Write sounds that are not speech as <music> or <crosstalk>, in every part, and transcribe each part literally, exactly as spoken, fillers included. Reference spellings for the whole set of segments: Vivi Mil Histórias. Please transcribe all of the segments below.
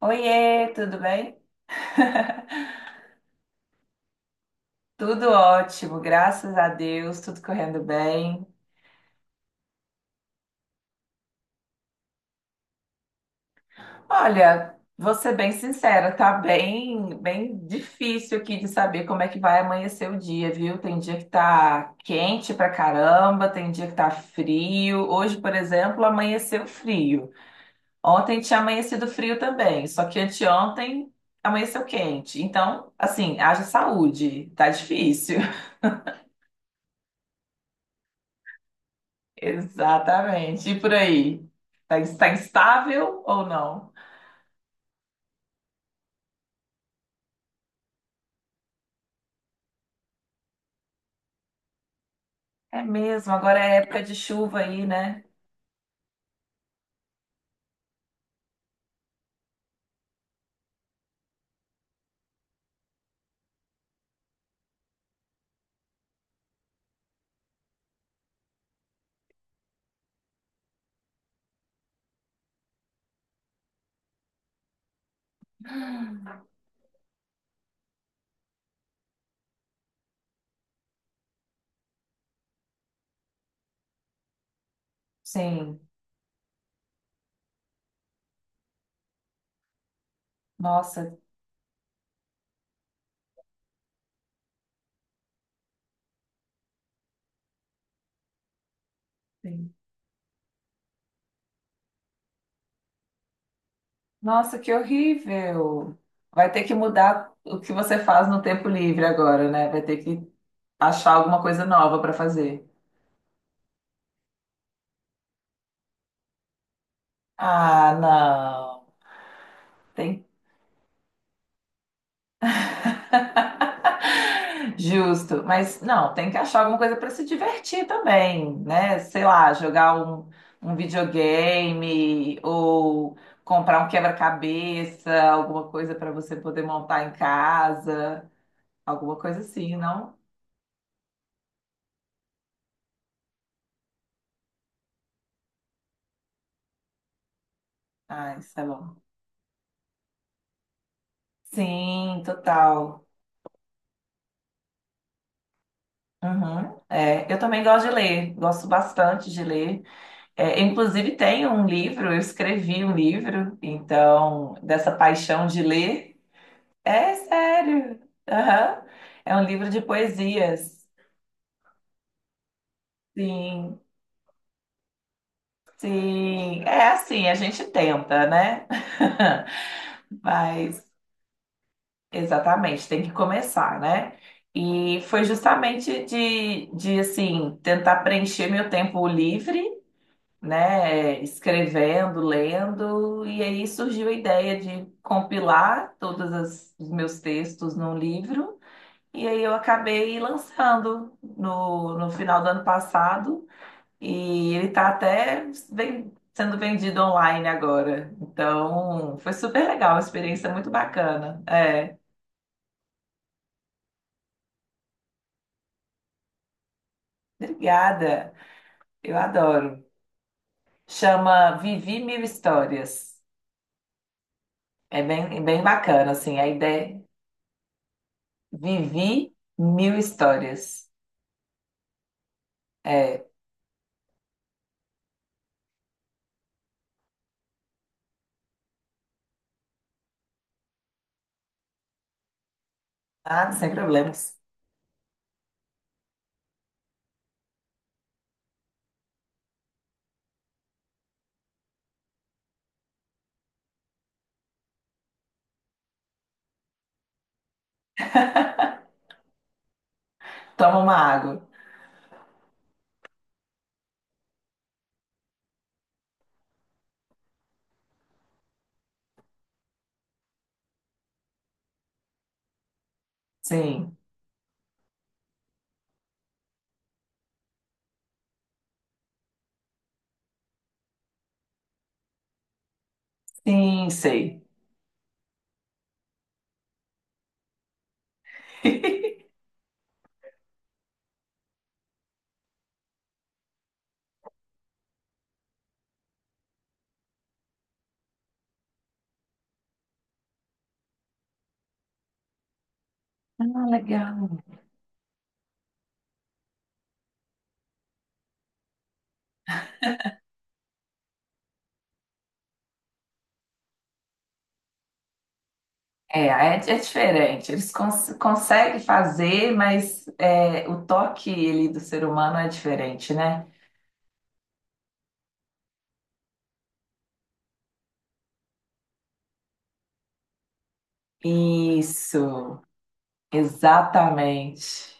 Oiê, tudo bem? <laughs> Tudo ótimo, graças a Deus, tudo correndo bem. Olha, vou ser bem sincera, tá bem, bem difícil aqui de saber como é que vai amanhecer o dia, viu? Tem dia que tá quente pra caramba, tem dia que tá frio. Hoje, por exemplo, amanheceu frio. Ontem tinha amanhecido frio também, só que anteontem amanheceu quente. Então, assim, haja saúde, tá difícil. Exatamente. E por aí? Tá, tá instável ou não? É mesmo, agora é época de chuva aí, né? Sim. Nossa, sim. Nossa, que horrível. Vai ter que mudar o que você faz no tempo livre agora, né? Vai ter que achar alguma coisa nova para fazer. Ah, não. Tem <laughs> Justo, mas não, tem que achar alguma coisa para se divertir também, né? Sei lá, jogar um, um videogame ou comprar um quebra-cabeça, alguma coisa para você poder montar em casa, alguma coisa assim, não? Ah, isso é bom. Sim, total. Uhum. É, eu também gosto de ler, gosto bastante de ler. É, inclusive, tenho um livro, eu escrevi um livro, então, dessa paixão de ler. É sério. Aham. É um livro de poesias. Sim, sim. É assim, a gente tenta, né? <laughs> Mas, exatamente, tem que começar, né? E foi justamente de, de assim, tentar preencher meu tempo livre, né? Escrevendo, lendo, e aí surgiu a ideia de compilar todos as- os meus textos num livro. E aí eu acabei lançando no, no final do ano passado e ele tá até ven- sendo vendido online agora. Então, foi super legal, uma experiência muito bacana. É, obrigada. Eu adoro. Chama Vivi Mil Histórias. É bem, é bem bacana, assim, a ideia. Vivi Mil Histórias. É, ah, sem problemas. Toma uma água. Sim, sim, sei. <laughs> Ah, legal. É, é, é diferente. Eles cons conseguem fazer, mas é, o toque ali do ser humano é diferente, né? Isso, exatamente.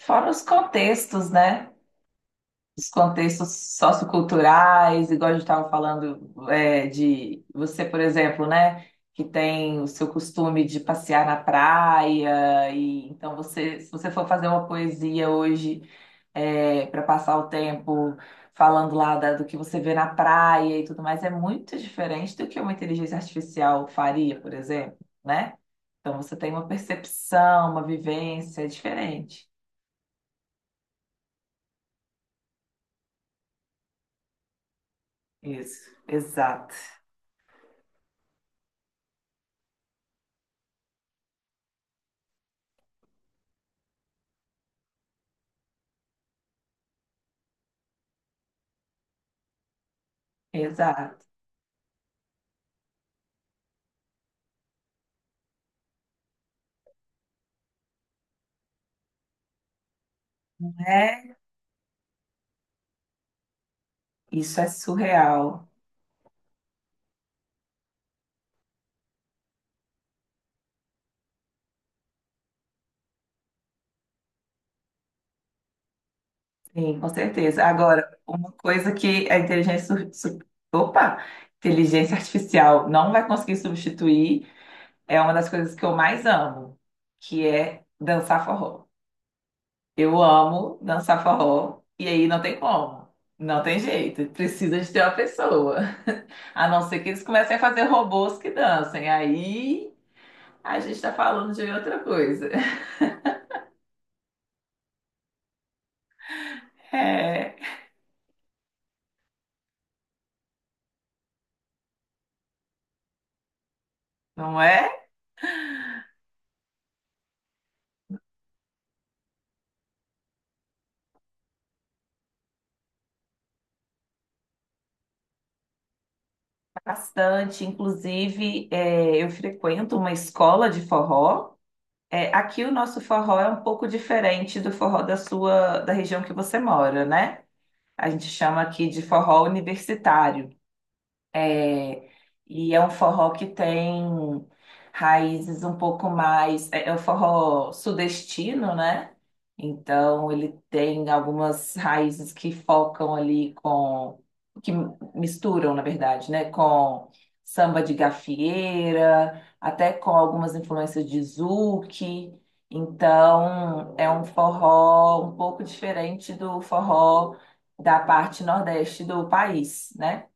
Fora os contextos, né? Os contextos socioculturais, igual a gente estava falando é, de você, por exemplo, né? Que tem o seu costume de passear na praia, e então você, se você for fazer uma poesia hoje para passar o tempo falando lá da- do que você vê na praia e tudo mais, é muito diferente do que uma inteligência artificial faria, por exemplo, né? Então você tem uma percepção, uma vivência diferente. Isso, exato, exato. É, isso é surreal. Sim, com certeza. Agora, uma coisa que a inteligência, su- su- opa, inteligência artificial não vai conseguir substituir é uma das coisas que eu mais amo, que é dançar forró. Eu amo dançar forró e aí não tem como. Não tem jeito, precisa de ter uma pessoa. A não ser que eles comecem a fazer robôs que dancem. Aí a gente tá falando de outra coisa. <laughs> É, não é? Bastante. Inclusive, é, eu frequento uma escola de forró. É, aqui o nosso forró é um pouco diferente do forró da sua, da região que você mora, né? A gente chama aqui de forró universitário. É, e é um forró que tem raízes um pouco mais. É, é um forró sudestino, né? Então ele tem algumas raízes que focam ali com. Que misturam, na verdade, né? Com samba de gafieira, até com algumas influências de zouk. Então é um forró um pouco diferente do forró da parte nordeste do país, né?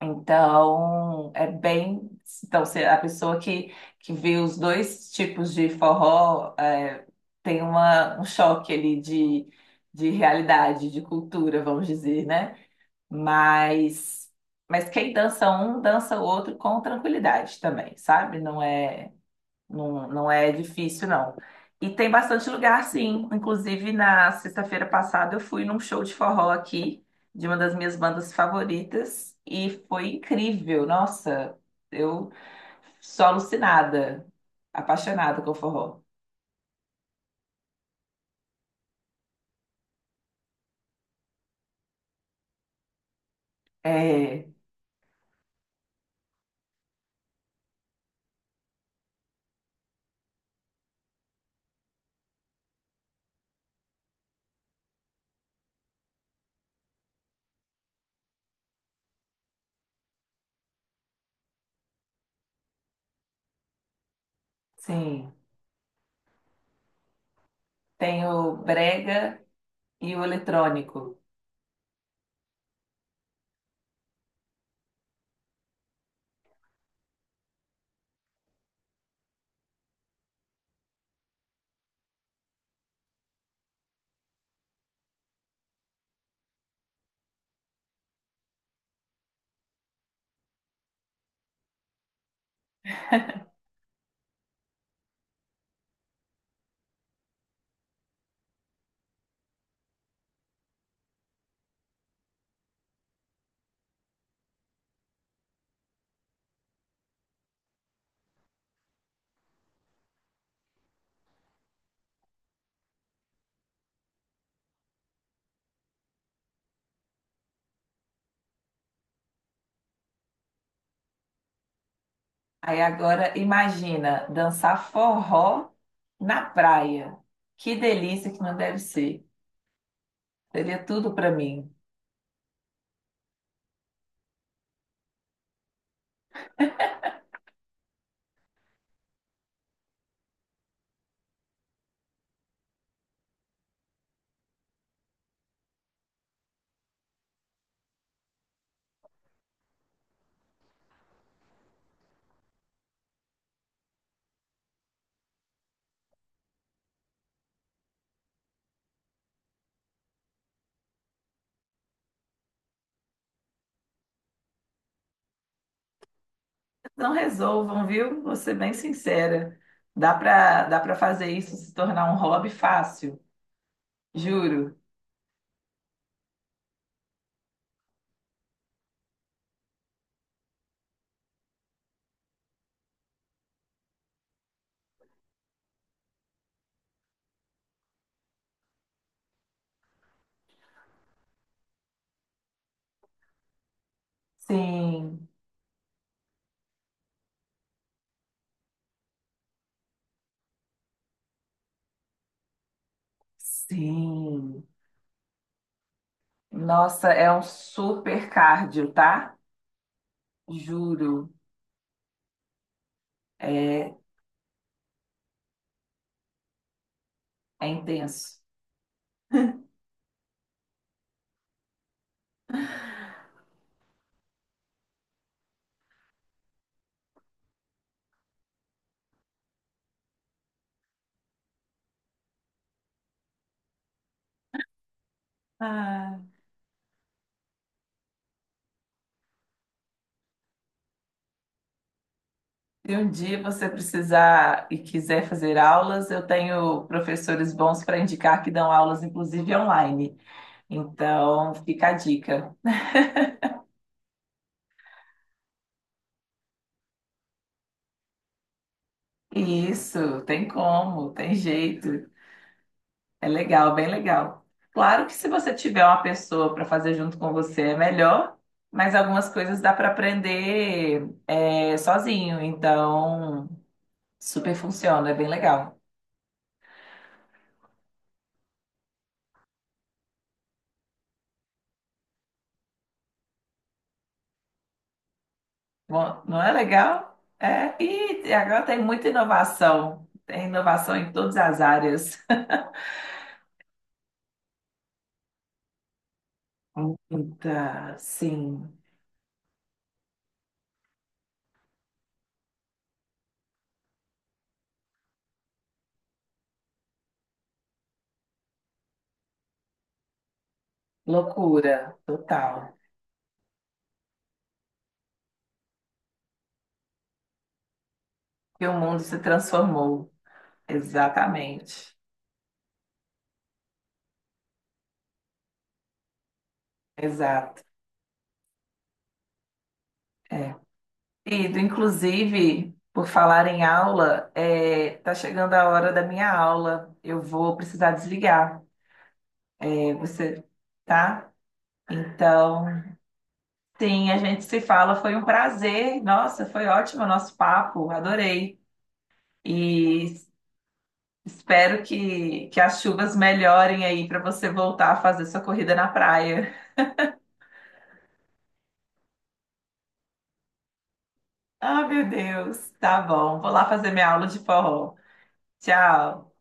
Então, é bem. Então, se a pessoa que, que vê os dois tipos de forró é, tem uma, um choque ali de, de realidade, de cultura, vamos dizer, né? Mas, mas quem dança um, dança o outro com tranquilidade também, sabe? Não é. Não, não é difícil, não. E tem bastante lugar, sim. Inclusive, na sexta-feira passada, eu fui num show de forró aqui, de uma das minhas bandas favoritas, e foi incrível. Nossa, eu sou alucinada, apaixonada com forró. É, sim. Tem o brega e o eletrônico. Aí agora, imagina dançar forró na praia. Que delícia que não deve ser. Seria tudo pra mim. Não resolvam, viu? Vou ser bem sincera. Dá para dá para fazer isso se tornar um hobby fácil, juro. Sim, sim. Nossa, é um super cardio, tá? Juro. É, é intenso. Ah, se um dia você precisar e quiser fazer aulas, eu tenho professores bons para indicar que dão aulas, inclusive online. Então, fica a dica. Isso, tem como, tem jeito. É legal, bem legal. Claro que se você tiver uma pessoa para fazer junto com você é melhor, mas algumas coisas dá para aprender é, sozinho, então super funciona, é bem legal. Bom, não é legal? É, e agora tem muita inovação, tem inovação em todas as áreas. Muita, sim, loucura total. E o mundo se transformou. Exatamente, exato. É. Ido, inclusive, por falar em aula, é, tá chegando a hora da minha aula. Eu vou precisar desligar. É, você, tá? Então, sim, a gente se fala. Foi um prazer. Nossa, foi ótimo o nosso papo. Adorei. E espero que, que as chuvas melhorem aí para você voltar a fazer sua corrida na praia. Ah, meu Deus. Tá bom. Vou lá fazer minha aula de forró. Tchau.